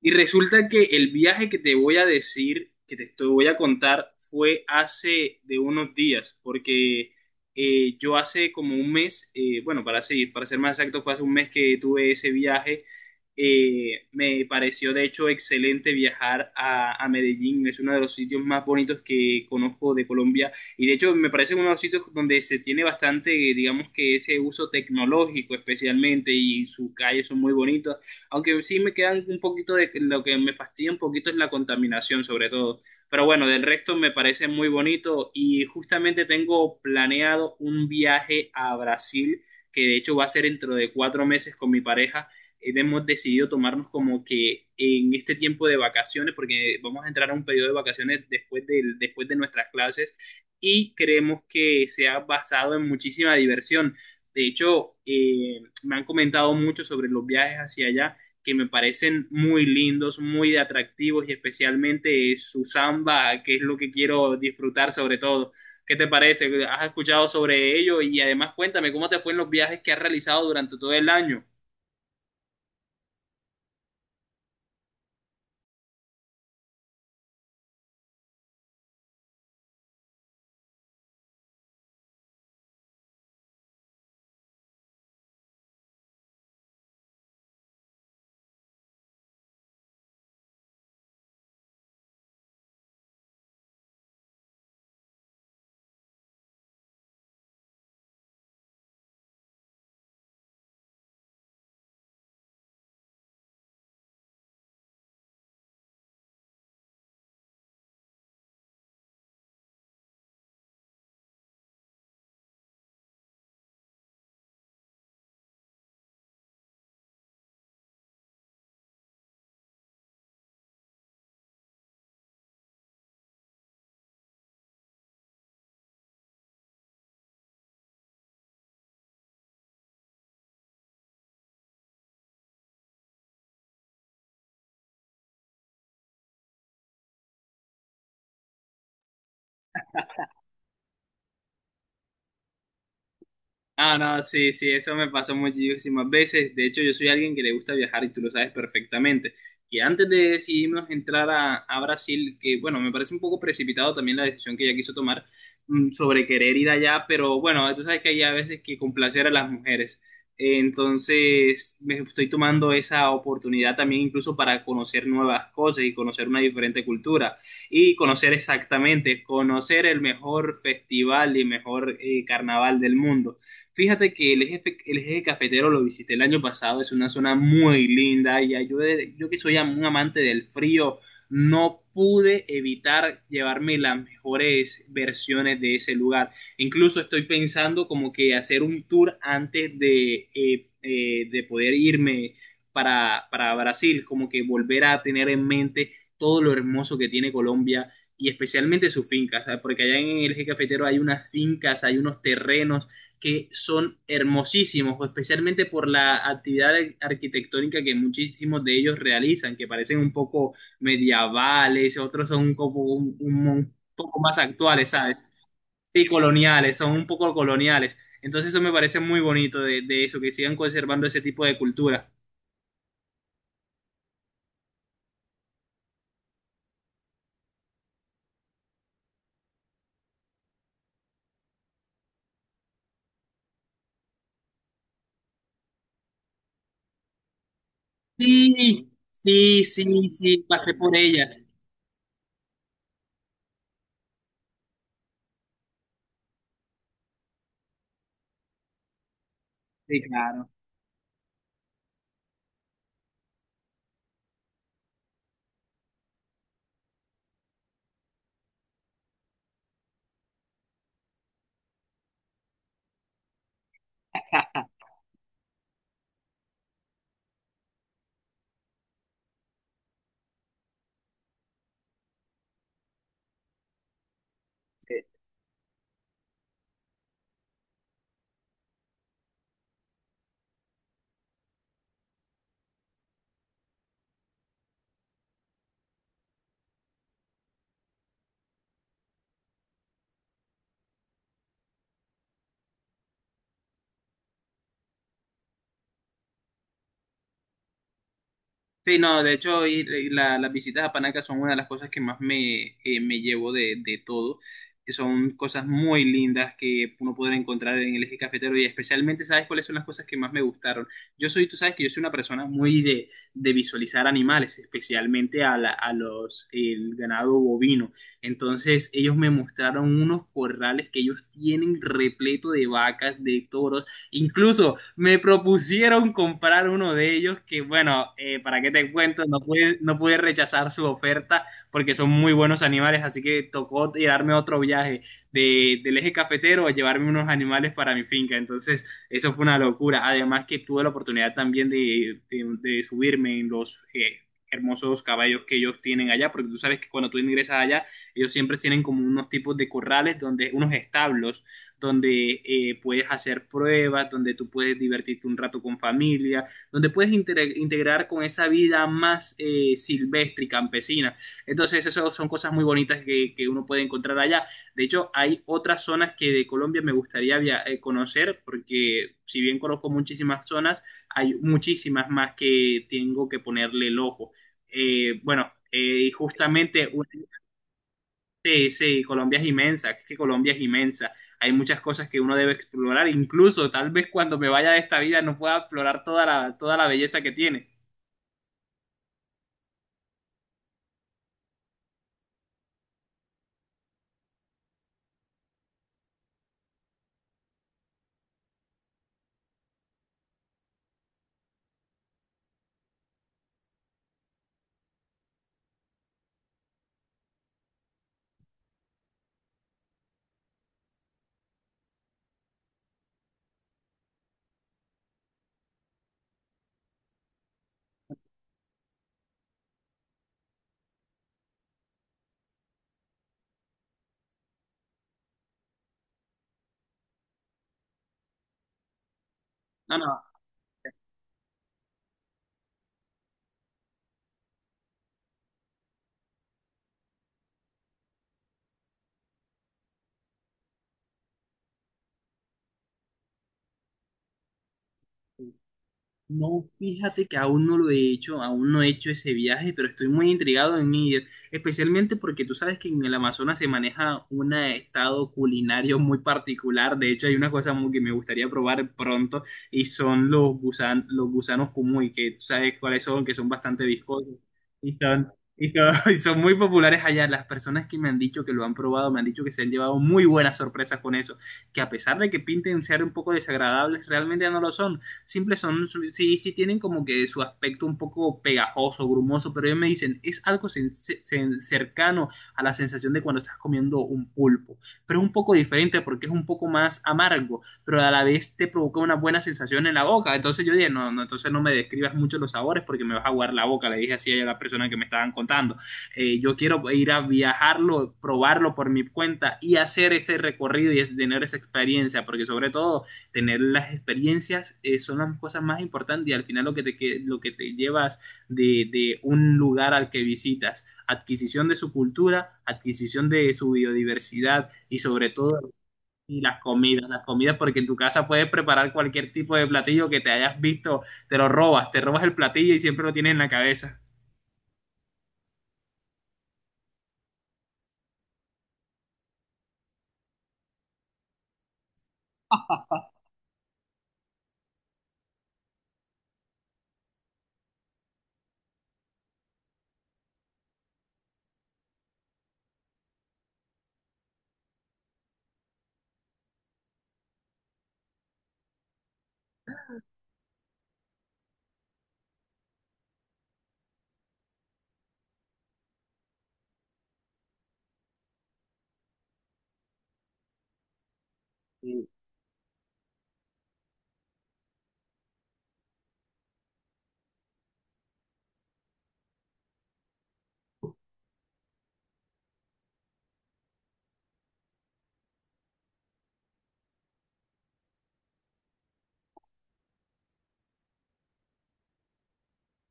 Y resulta que el viaje que te voy a decir, voy a contar, fue hace de unos días, porque yo hace como un mes, bueno, para ser más exacto, fue hace un mes que tuve ese viaje. Me pareció de hecho excelente viajar a Medellín, es uno de los sitios más bonitos que conozco de Colombia y de hecho me parece uno de los sitios donde se tiene bastante, digamos que ese uso tecnológico especialmente y sus calles son muy bonitas. Aunque sí me quedan un poquito de lo que me fastidia un poquito es la contaminación, sobre todo. Pero bueno, del resto me parece muy bonito y justamente tengo planeado un viaje a Brasil, que de hecho va a ser dentro de 4 meses con mi pareja. Hemos decidido tomarnos como que en este tiempo de vacaciones, porque vamos a entrar a un periodo de vacaciones después de nuestras clases y creemos que se ha basado en muchísima diversión. De hecho, me han comentado mucho sobre los viajes hacia allá que me parecen muy lindos, muy atractivos y especialmente su samba, que es lo que quiero disfrutar sobre todo. ¿Qué te parece? ¿Has escuchado sobre ello? Y además cuéntame cómo te fue en los viajes que has realizado durante todo el año. Ah, no, sí, sí, eso me pasa muchísimas veces. De hecho, yo soy alguien que le gusta viajar y tú lo sabes perfectamente. Que antes de decidirnos entrar a Brasil, que bueno, me parece un poco precipitado también la decisión que ella quiso tomar sobre querer ir allá, pero bueno, tú sabes que hay a veces que complacer a las mujeres. Entonces, me estoy tomando esa oportunidad también incluso para conocer nuevas cosas y conocer una diferente cultura y conocer exactamente, conocer el mejor festival y mejor carnaval del mundo. Fíjate que el eje cafetero lo visité el año pasado, es una zona muy linda y yo que soy un amante del frío, no pude evitar llevarme las mejores versiones de ese lugar. Incluso estoy pensando como que hacer un tour antes de poder irme para Brasil, como que volver a tener en mente todo lo hermoso que tiene Colombia y especialmente sus fincas, ¿sabes? Porque allá en el eje cafetero hay unas fincas, hay unos terrenos que son hermosísimos, especialmente por la actividad arquitectónica que muchísimos de ellos realizan, que parecen un poco medievales, otros son como un poco más actuales, ¿sabes? Sí, coloniales, son un poco coloniales. Entonces eso me parece muy bonito de, eso, que sigan conservando ese tipo de cultura. Sí, sí, sí, sí, pasé por ella. Sí, claro. Sí, no, de hecho, las visitas a Panaca son una de las cosas que más me llevo de todo. Que Son cosas muy lindas que uno podrá encontrar en el eje cafetero y especialmente, ¿sabes cuáles son las cosas que más me gustaron? Yo soy, tú sabes que yo soy una persona muy de visualizar animales, especialmente a, la- a los, el ganado bovino. Entonces, ellos me mostraron unos corrales que ellos tienen repleto de vacas, de toros. Incluso me propusieron comprar uno de ellos que, bueno, para qué te cuento, no pude rechazar su oferta porque son muy buenos animales, así que tocó darme otro viaje del eje cafetero a llevarme unos animales para mi finca. Entonces, eso fue una locura. Además que tuve la oportunidad también de, de subirme en los hermosos caballos que ellos tienen allá, porque tú sabes que cuando tú ingresas allá, ellos siempre tienen como unos tipos de corrales donde unos establos donde puedes hacer pruebas, donde tú puedes divertirte un rato con familia, donde puedes integrar con esa vida más silvestre y campesina. Entonces, eso son cosas muy bonitas que uno puede encontrar allá. De hecho, hay otras zonas que de Colombia me gustaría via conocer, porque si bien conozco muchísimas zonas, hay muchísimas más que tengo que ponerle el ojo. Eh, bueno, eh, y justamente una. Sí, sí, Colombia es inmensa, es que Colombia es inmensa. Hay muchas cosas que uno debe explorar, incluso tal vez cuando me vaya de esta vida no pueda explorar toda la belleza que tiene. No, no, no, fíjate que aún no lo he hecho, aún no he hecho ese viaje, pero estoy muy intrigado en ir, especialmente porque tú sabes que en el Amazonas se maneja un estado culinario muy particular. De hecho, hay una cosa muy que me gustaría probar pronto y son los gusanos cuy, que tú sabes cuáles son, que son bastante viscosos y son, y son, y son muy populares allá. Las personas que me han dicho que lo han probado me han dicho que se han llevado muy buenas sorpresas con eso, que a pesar de que pinten ser un poco desagradables, realmente no lo son. Simples son, sí, sí tienen como que su aspecto un poco pegajoso, grumoso, pero ellos me dicen, es algo cercano a la sensación de cuando estás comiendo un pulpo, pero es un poco diferente porque es un poco más amargo, pero a la vez te provoca una buena sensación en la boca. Entonces yo dije, no, no, entonces no me describas mucho los sabores porque me vas a aguar la boca, le dije así a la persona que me estaban contando. Yo quiero ir a viajarlo, probarlo por mi cuenta y hacer ese recorrido y tener esa experiencia, porque sobre todo tener las experiencias son las cosas más importantes y al final lo que te, lo que te llevas de, un lugar al que visitas, adquisición de su cultura, adquisición de su biodiversidad y sobre todo y las comidas porque en tu casa puedes preparar cualquier tipo de platillo que te hayas visto, te lo robas, te robas el platillo y siempre lo tienes en la cabeza.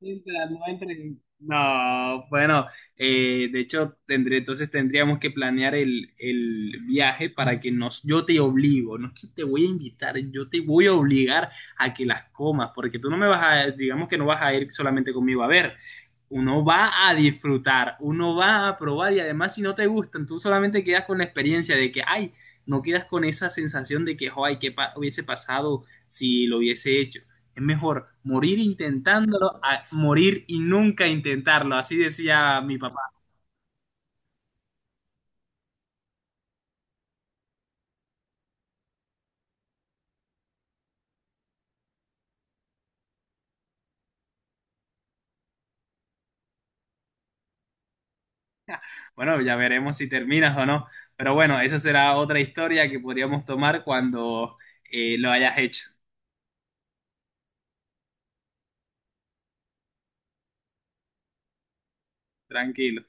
Entra, no entra en- No, bueno, de hecho, entonces tendríamos que planear el viaje para que nos, yo te obligo, no es que te voy a invitar, yo te voy a obligar a que las comas, porque tú no me vas a, digamos que no vas a ir solamente conmigo a ver uno va a disfrutar, uno va a probar y además si no te gustan, tú solamente quedas con la experiencia de que, ay, no quedas con esa sensación de que, ay, ¿qué hubiese pasado si lo hubiese hecho? Es mejor morir intentándolo a morir y nunca intentarlo, así decía mi papá. Bueno, ya veremos si terminas o no, pero bueno, eso será otra historia que podríamos tomar cuando lo hayas hecho. Tranquilo.